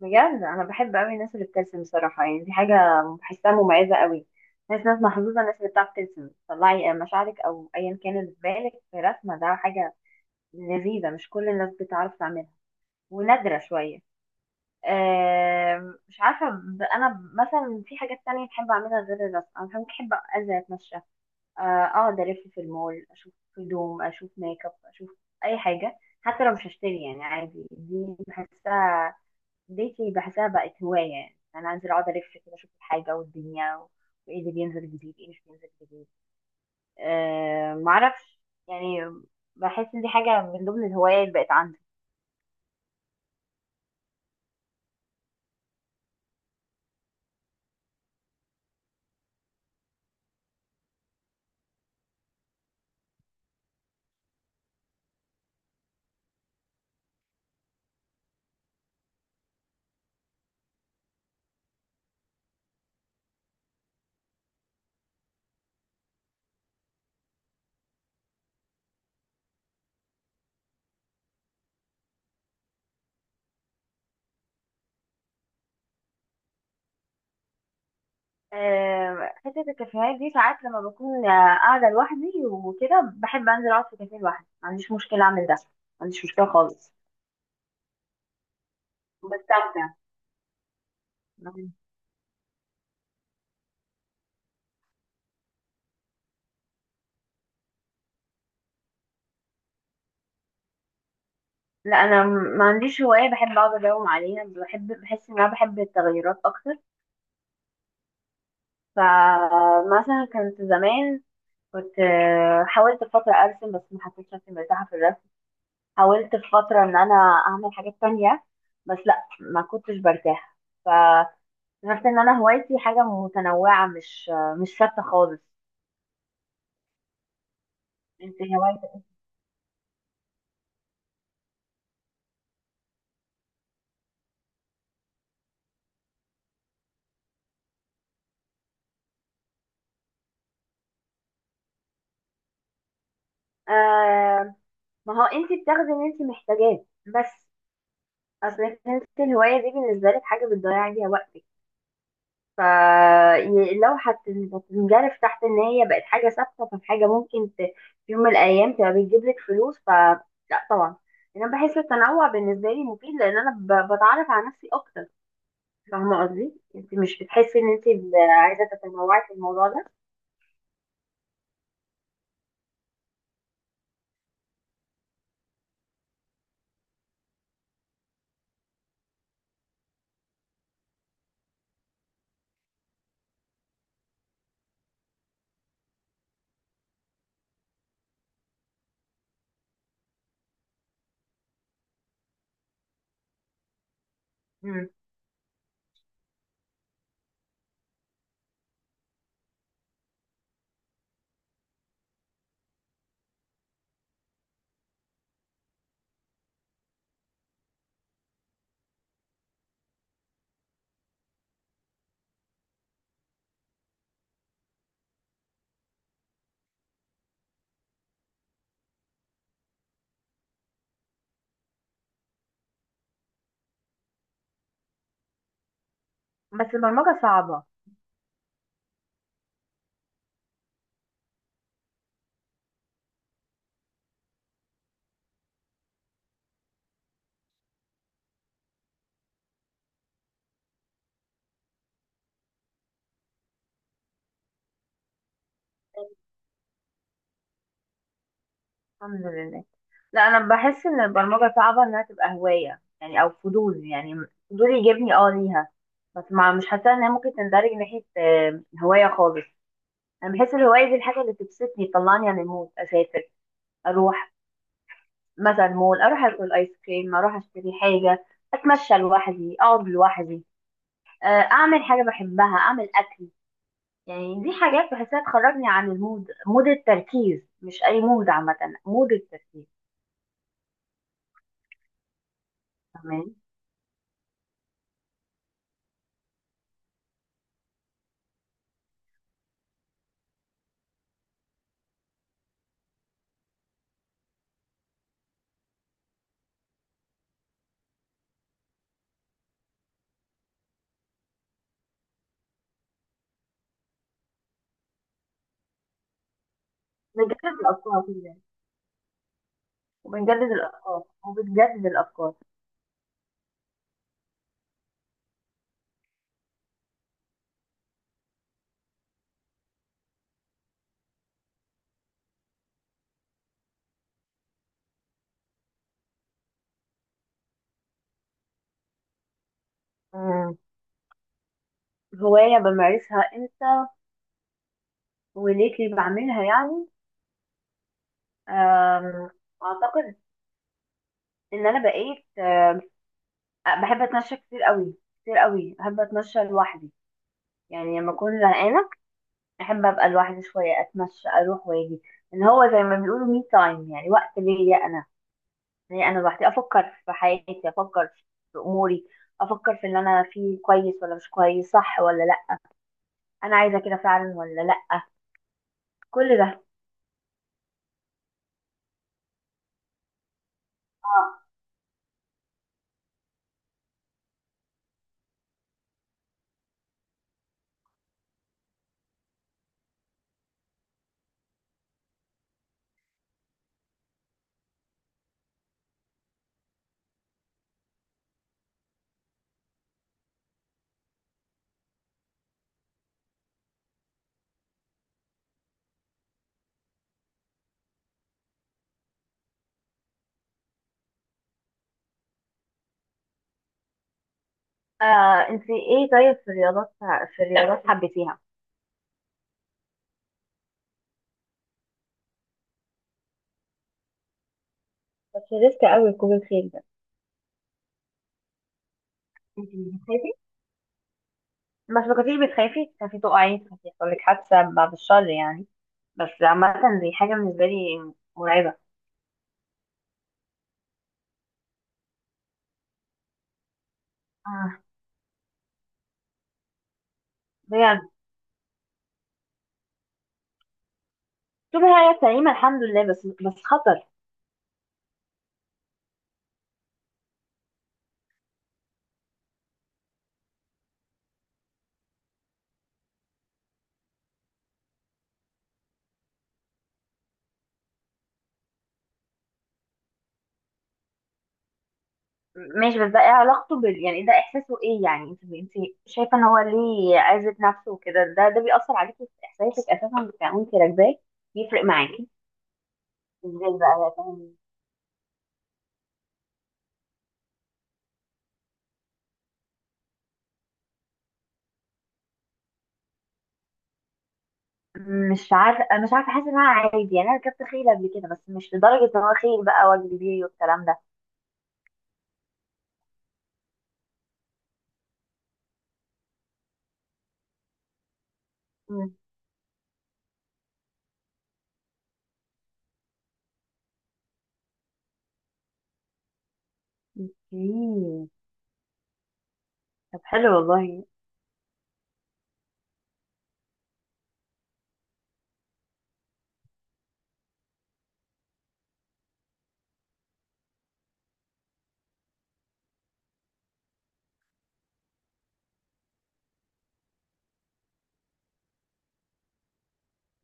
بجد انا بحب قوي الناس اللي بترسم بصراحه، يعني دي حاجه بحسها مميزه قوي. ناس محظوظه الناس اللي بتعرف ترسم تطلعي مشاعرك او ايا كان اللي في بالك في رسمه، ده حاجه لذيذه مش كل الناس بتعرف تعملها، ونادره شويه. مش عارفه، انا مثلا في حاجات تانية بحب اعملها غير الرسم. انا بحب انزل اتمشى، آه، اقعد الف في المول، اشوف هدوم، اشوف ميك اب، اشوف اي حاجه حتى لو مش هشتري، يعني عادي. دي بحسها ديتي بحسها بقت هواية، يعني أنا أنزل أقعد ألف كده أشوف الحاجة والدنيا وإيه اللي بينزل جديد، إيه مش بينزل جديد. معرفش يعني، بحس إن دي حاجة من ضمن الهوايات اللي بقت عندي. حتة الكافيهات دي ساعات لما بكون قاعدة لوحدي وكده، بحب أنزل أقعد في كافيه لوحدي، ما عنديش مشكلة أعمل ده، ما عنديش مشكلة خالص، بستمتع. لا، أنا ما عنديش هواية بحب أقعد أداوم عليها، بحس إن أنا بحب التغيرات أكتر. فمثلا كانت زمان، كنت حاولت في فترة أرسم بس ما حسيتش نفسي مرتاحة في الرسم. حاولت في فترة إن أنا أعمل حاجات تانية بس لأ، ما كنتش برتاح. فعرفت إن أنا هوايتي حاجة متنوعة، مش مش ثابتة خالص. أنت هوايتك. آه، ما هو أنت بتاخدي اللي أنت محتاجاه بس. أصل أنت الهواية دي بالنسبة لك حاجة بتضيع بيها وقتك. فلو هتنجرف تحت ان هي بقت حاجه ثابته، فحاجه ممكن في يوم من الايام تبقى بتجيب لك فلوس، فلا. طبعا انا بحس التنوع بالنسبه لي مفيد، لان انا بتعرف على نفسي اكتر. فاهمه قصدي؟ انت مش بتحسي ان انت عايزه تتنوعي في الموضوع ده؟ مم. بس البرمجة صعبة. الحمد لله. لا، أنا بحس إن البرمجة صعبة إنها تبقى هواية يعني، أو فضول يعني، فضول يجيبني ليها. بس ما مش حاسة إنها ممكن تندرج ناحية هواية خالص. انا بحس الهوايه دي الحاجه اللي بتبسطني تطلعني عن المود، اسافر، اروح مثلا مول، اروح اكل ايس كريم، اروح اشتري حاجه، اتمشى لوحدي، اقعد لوحدي، اعمل حاجه بحبها، اعمل اكل. يعني دي حاجات بحسها تخرجني عن المود، مود التركيز مش اي مود عامه، مود التركيز. تمام. بنجدد الافكار كده يعني، وبنجدد الافكار وبتجدد الافكار. مم. هوايه بمارسها امتى وليه اللي بعملها يعني؟ آم، اعتقد ان انا بقيت بحب اتمشى كتير قوي، كتير قوي بحب اتمشى لوحدي. يعني لما اكون زهقانه، احب ابقى لوحدي شويه، اتمشى اروح واجي. ان هو زي ما بيقولوا مي تايم، يعني وقت ليا انا، لوحدي افكر في حياتي، افكر في اموري، افكر في اللي انا فيه كويس ولا مش كويس، صح ولا لا، انا عايزه كده فعلا ولا لا، كل ده. اه. آه. انت ايه طيب في الرياضات، حبيتيها؟ بس ريسك قوي ركوب الخيل ده. انت بتخافي؟ بس ما كنتيش بتخافي تخافي تقعي، تخافي يحصل لك حادثة بعد الشر يعني؟ بس عامة دي حاجة بالنسبة لي مرعبة. آه، بجد، طول هي سليمة الحمد لله. بس خطر. ماشي، بس ده ايه علاقته بال، يعني ده احساسه ايه؟ يعني انت شايفة ان هو ليه عزة نفسه وكده، ده بيأثر عليكي في احساسك اساسا بتاع وانت راكباه؟ بيفرق معاكي؟ ازاي بقى يا فندم؟ مش عارفة، حاسة ان انا عادي يعني، انا ركبت خيل قبل كده بس مش لدرجة ان هو خيل بقى واجري بيه والكلام ده. اوكي. طب حلو والله.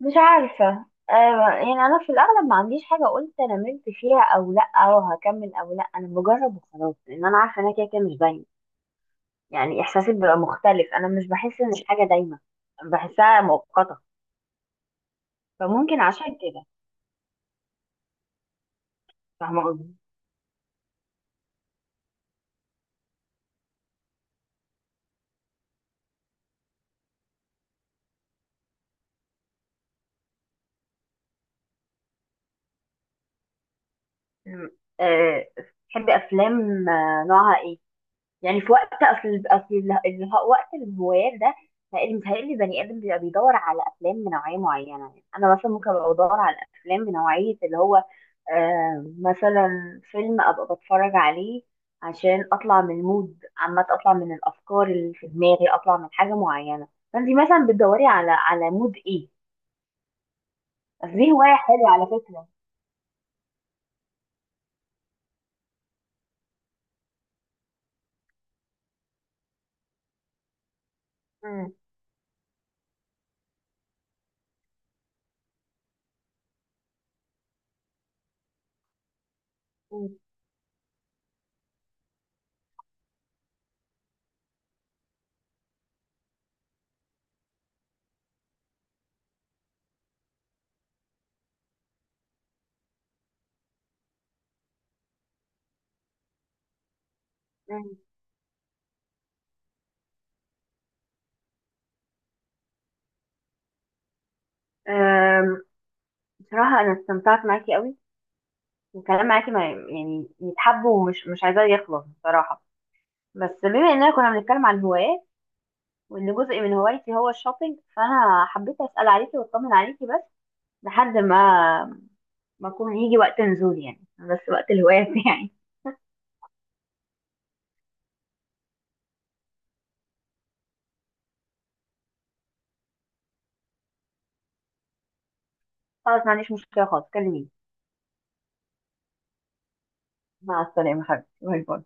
مش عارفة، آه، يعني أنا في الأغلب ما عنديش حاجة قلت أنا ملت فيها أو لأ أو هكمل أو لأ، أنا بجرب وخلاص، لأن أنا عارفة إنها كده كده مش دايما. يعني إحساسي بيبقى مختلف، أنا مش بحس إن الحاجة دايما، بحسها مؤقتة، فممكن عشان كده. فاهمة قصدي؟ مم. أه، بتحبي أفلام؟ نوعها إيه؟ يعني في وقت، اصل وقت الهوايات ده، متهيألي البني ادم بيبقى بيدور على افلام بنوعيه معينه. يعني انا مثلا ممكن ابقى بدور على افلام بنوعيه اللي هو مثلا فيلم ابقى بتفرج عليه عشان اطلع من المود عامه، اطلع من الافكار اللي في دماغي، اطلع من حاجه معينه. فانت مثلا بتدوري على مود ايه؟ بس دي هوايه حلوه على فكره. مم. مم. مم. آم، بصراحه انا استمتعت معاكي قوي، الكلام معاكي ما يعني يتحب، ومش مش عايزاه يخلص بصراحة. بس بما اننا كنا بنتكلم عن هوايات، وان جزء من هوايتي هو الشوبينج، فانا حبيت اسأل عليكي واطمن عليكي بس، لحد ما اكون يجي وقت نزول، يعني بس وقت الهوايات يعني. خلاص، ما عنديش مشكلة خالص، كلميني. مع السلامة حبيبتي، باي باي.